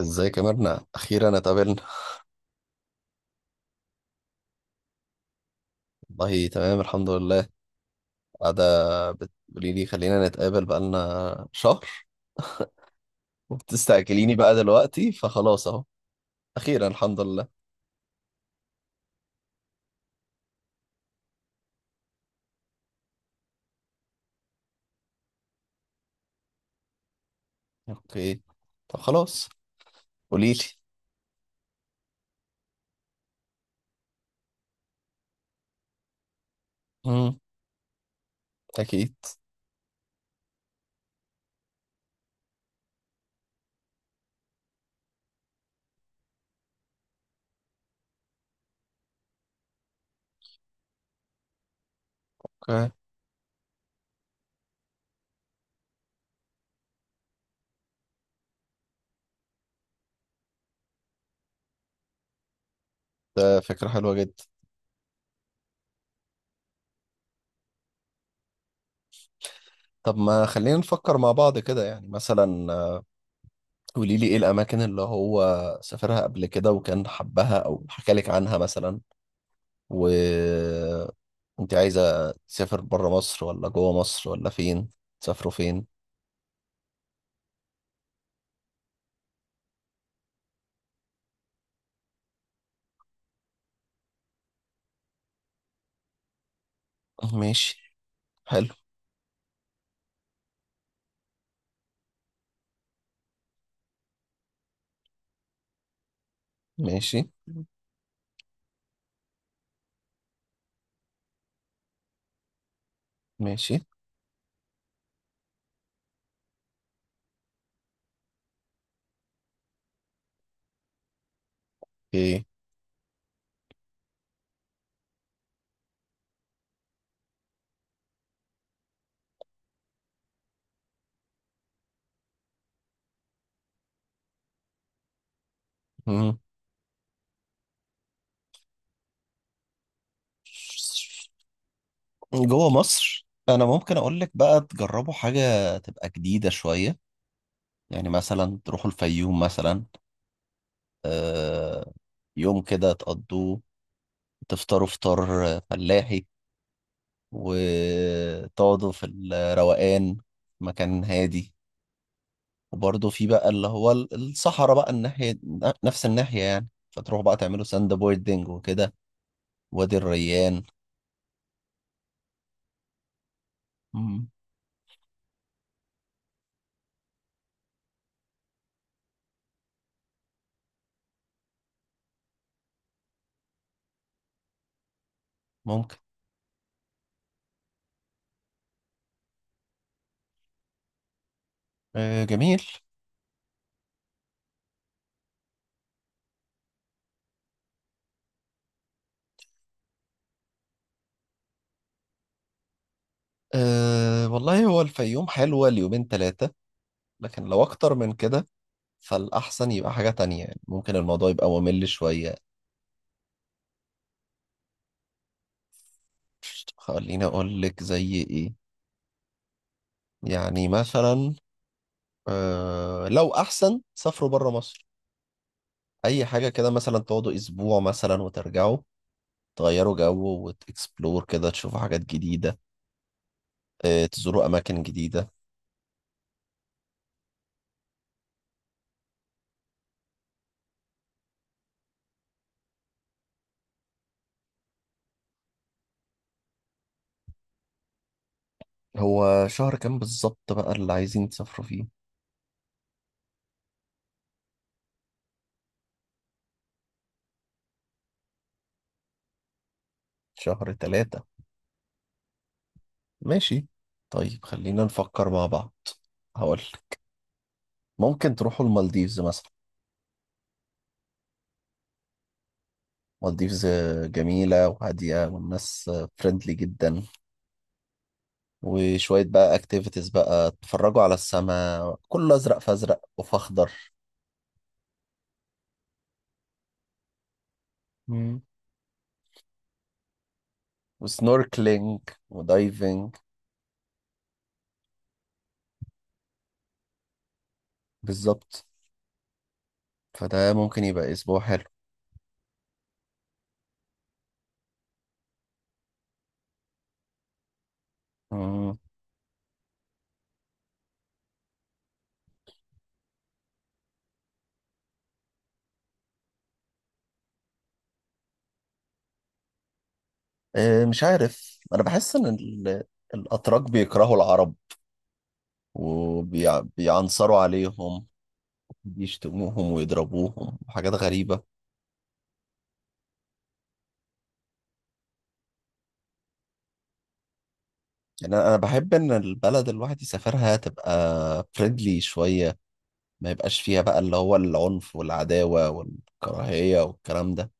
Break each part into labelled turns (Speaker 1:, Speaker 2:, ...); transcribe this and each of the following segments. Speaker 1: ازيك يا مرنة؟ اخيرا اتقابلنا. والله تمام، الحمد لله. قاعدة. بتقولي لي خلينا نتقابل بقالنا شهر، وبتستعجليني بقى دلوقتي، فخلاص اهو. اخيرا الحمد لله. اوكي، طب خلاص، قولي لي. امم. اكيد. اوكي. ده فكرة حلوة جدا. طب ما خلينا نفكر مع بعض كده، يعني مثلا، قولي لي، ايه الاماكن اللي هو سافرها قبل كده وكان حبها او حكى لك عنها مثلا؟ و انت عايزة تسافر برا مصر ولا جوا مصر ولا فين؟ تسافروا فين؟ ماشي. حلو. ماشي، ماشي، ايه؟ مم. جوا مصر انا ممكن اقول لك بقى تجربوا حاجة تبقى جديدة شوية. يعني مثلا تروحوا الفيوم مثلا. آه. يوم كده تقضوه، تفطروا فطار فلاحي، وتقعدوا في الروقان، مكان هادي. وبرضه في بقى اللي هو الصحراء بقى الناحية، نفس الناحية يعني، فتروح بقى تعملوا ساند بوردنج وكده. وادي الريان. مم. ممكن. آه، جميل. آه، والله هو الفيوم حلوة ليومين ثلاثة، لكن لو أكتر من كده فالأحسن يبقى حاجة تانية، يعني ممكن الموضوع يبقى ممل شوية. خليني أقول لك زي إيه. يعني مثلا، لو أحسن سافروا بره مصر، أي حاجة كده، مثلا تقعدوا أسبوع مثلا وترجعوا، تغيروا جو وتكسبلور كده، تشوفوا حاجات جديدة، تزوروا أماكن جديدة. هو شهر كام بالظبط بقى اللي عايزين تسافروا فيه؟ شهر 3. ماشي. طيب، خلينا نفكر مع بعض. هقول، ممكن تروحوا المالديفز مثلا. مالديفز جميلة وهادية، والناس فريندلي جدا. وشوية بقى اكتيفيتيز بقى، تتفرجوا على السماء كله أزرق، فأزرق وفخضر. مم. وسنوركلينج ودايفنج. بالظبط. فده ممكن يبقى أسبوع حلو. مم. مش عارف، انا بحس ان الاتراك بيكرهوا العرب وبيعنصروا عليهم. بيشتموهم ويضربوهم وحاجات غريبة. يعني أنا بحب ان البلد الواحد يسافرها تبقى فريندلي شوية، ما يبقاش فيها بقى اللي هو العنف والعداوة والكراهية والكلام ده.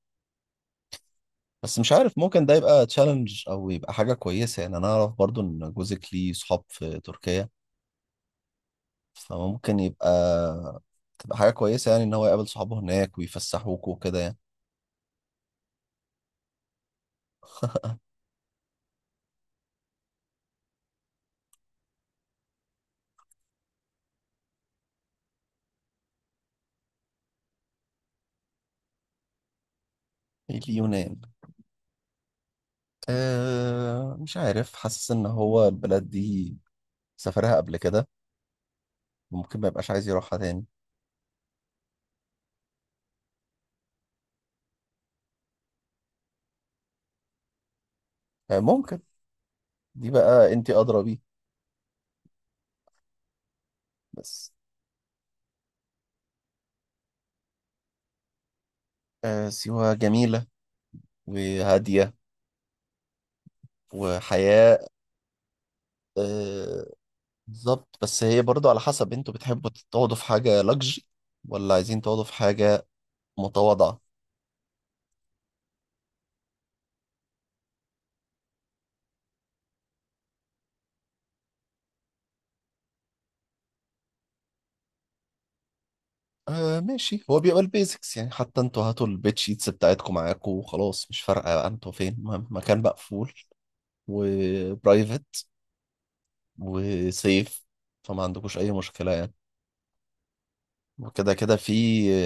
Speaker 1: بس مش عارف، ممكن ده يبقى تشالنج او يبقى حاجة كويسة، يعني انا اعرف برضو ان جوزك ليه صحاب في تركيا، فممكن يبقى تبقى حاجة كويسة يعني، إن هو يقابل صحابه هناك ويفسحوك وكده يعني. اليونان؟ آه، مش عارف، حاسس إن هو البلد دي سافرها قبل كده، ممكن ما يبقاش عايز يروحها تاني. آه، ممكن. دي بقى أنت أدرى بيه. بس، آه، سيوة جميلة وهادية، وحياة. آه، بالظبط. بس هي برضو على حسب، أنتوا بتحبوا تقعدوا في حاجة لاكجري ولا عايزين تقعدوا في حاجة متواضعة؟ آه، ماشي، هو بيبقى البيزكس يعني، حتى انتوا هاتوا البيت شيتس بتاعتكم معاكم وخلاص، مش فارقة بقى انتوا فين، المهم مكان مقفول وبرايفت وسيف. فما عندكوش أي مشكلة يعني. وكده كده في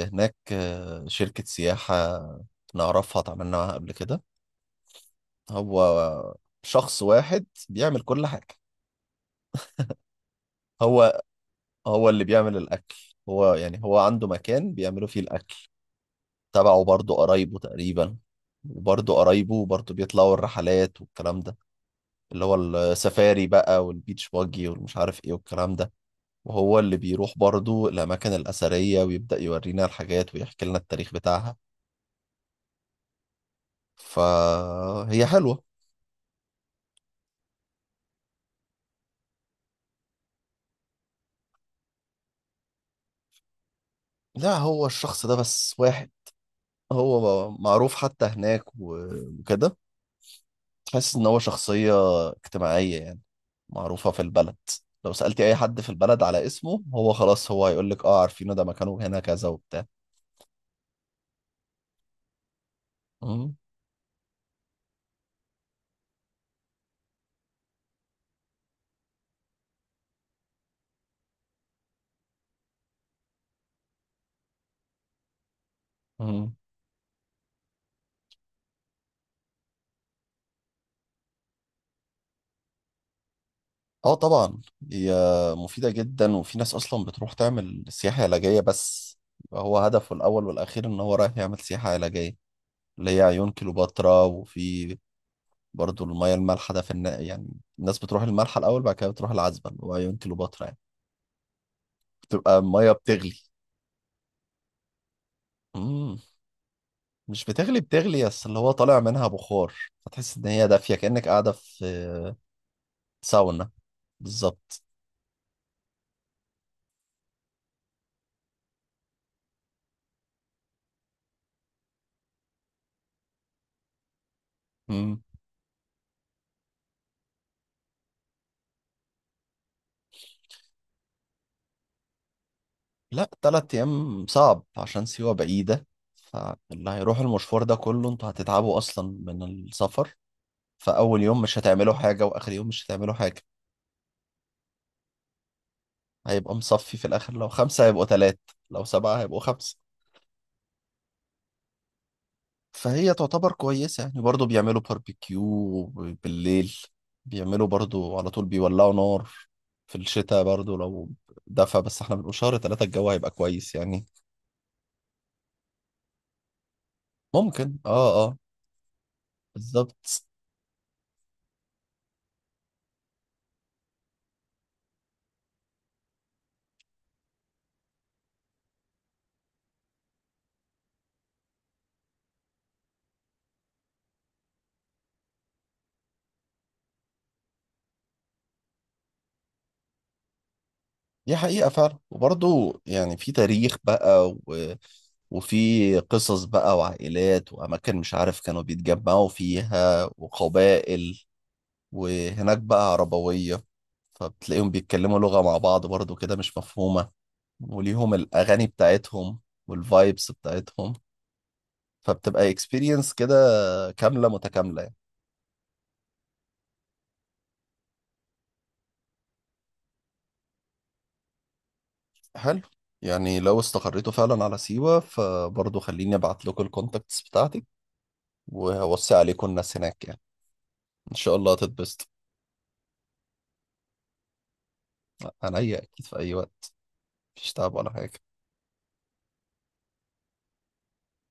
Speaker 1: هناك شركة سياحة نعرفها، اتعاملنا معاها قبل كده. هو شخص واحد بيعمل كل حاجة. هو هو اللي بيعمل الأكل، هو يعني، هو عنده مكان بيعملوا فيه الأكل، تبعه، برضه قرايبه تقريبا. وبرضه قرايبه برضه بيطلعوا الرحلات والكلام ده، اللي هو السفاري بقى والبيتش باجي والمش عارف ايه والكلام ده. وهو اللي بيروح برضه الأماكن الأثرية، ويبدأ يورينا الحاجات ويحكي لنا التاريخ بتاعها. فهي حلوة. لا، هو الشخص ده بس واحد، هو معروف حتى هناك وكده. تحس ان هو شخصية اجتماعية يعني، معروفة في البلد. لو سألتي اي حد في البلد على اسمه، هو خلاص هو هيقول لك: اه، عارفينه، ده مكانه هنا كذا وبتاع. مم. مم. اه، طبعا. هي مفيدة جدا، وفي ناس اصلا بتروح تعمل سياحة علاجية بس، يبقى هو هدفه الاول والاخير ان هو رايح يعمل سياحة علاجية. اللي هي عيون كليوباترا. وفي برضو المياه المالحة، ده يعني الناس بتروح المالحة الاول، بعد كده بتروح العذبة اللي هو عيون كليوباترا يعني. بتبقى المياه بتغلي. مم. مش بتغلي بتغلي، بس اللي هو طالع منها بخار. فتحس ان هي دافيه، كانك قاعده في ساونا. بالظبط. مم. لا، 3 ايام صعب عشان سيوه بعيده، فاللي هيروح المشوار ده كله انتوا هتتعبوا اصلا من السفر. فاول يوم مش هتعملوا حاجه، واخر يوم مش هتعملوا حاجه. هيبقى مصفي في الاخر، لو خمسه هيبقوا تلات، لو سبعه هيبقوا خمسه. فهي تعتبر كويسة يعني، برضو بيعملوا باربيكيو بالليل، بيعملوا برضو على طول بيولعوا نار في الشتاء برضو لو دفى، بس احنا بنبقى شهر 3 الجو هيبقى كويس يعني. ممكن، اه، اه. بالظبط. دي حقيقة فعلا، وبرضو يعني في تاريخ بقى، و... وفي قصص بقى، وعائلات وأماكن مش عارف كانوا بيتجمعوا فيها، وقبائل. وهناك بقى عربوية، فبتلاقيهم بيتكلموا لغة مع بعض برضو كده مش مفهومة، وليهم الأغاني بتاعتهم والفايبس بتاعتهم. فبتبقى اكسبيرينس كده كاملة متكاملة يعني. حلو. يعني لو استقريتوا فعلا على سيوة، فبرضه خليني ابعت لكم الكونتاكتس بتاعتي، وهوصي عليكم الناس هناك يعني. ان شاء الله هتتبسطوا. عينيا، اكيد في اي وقت. مفيش تعب ولا حاجة.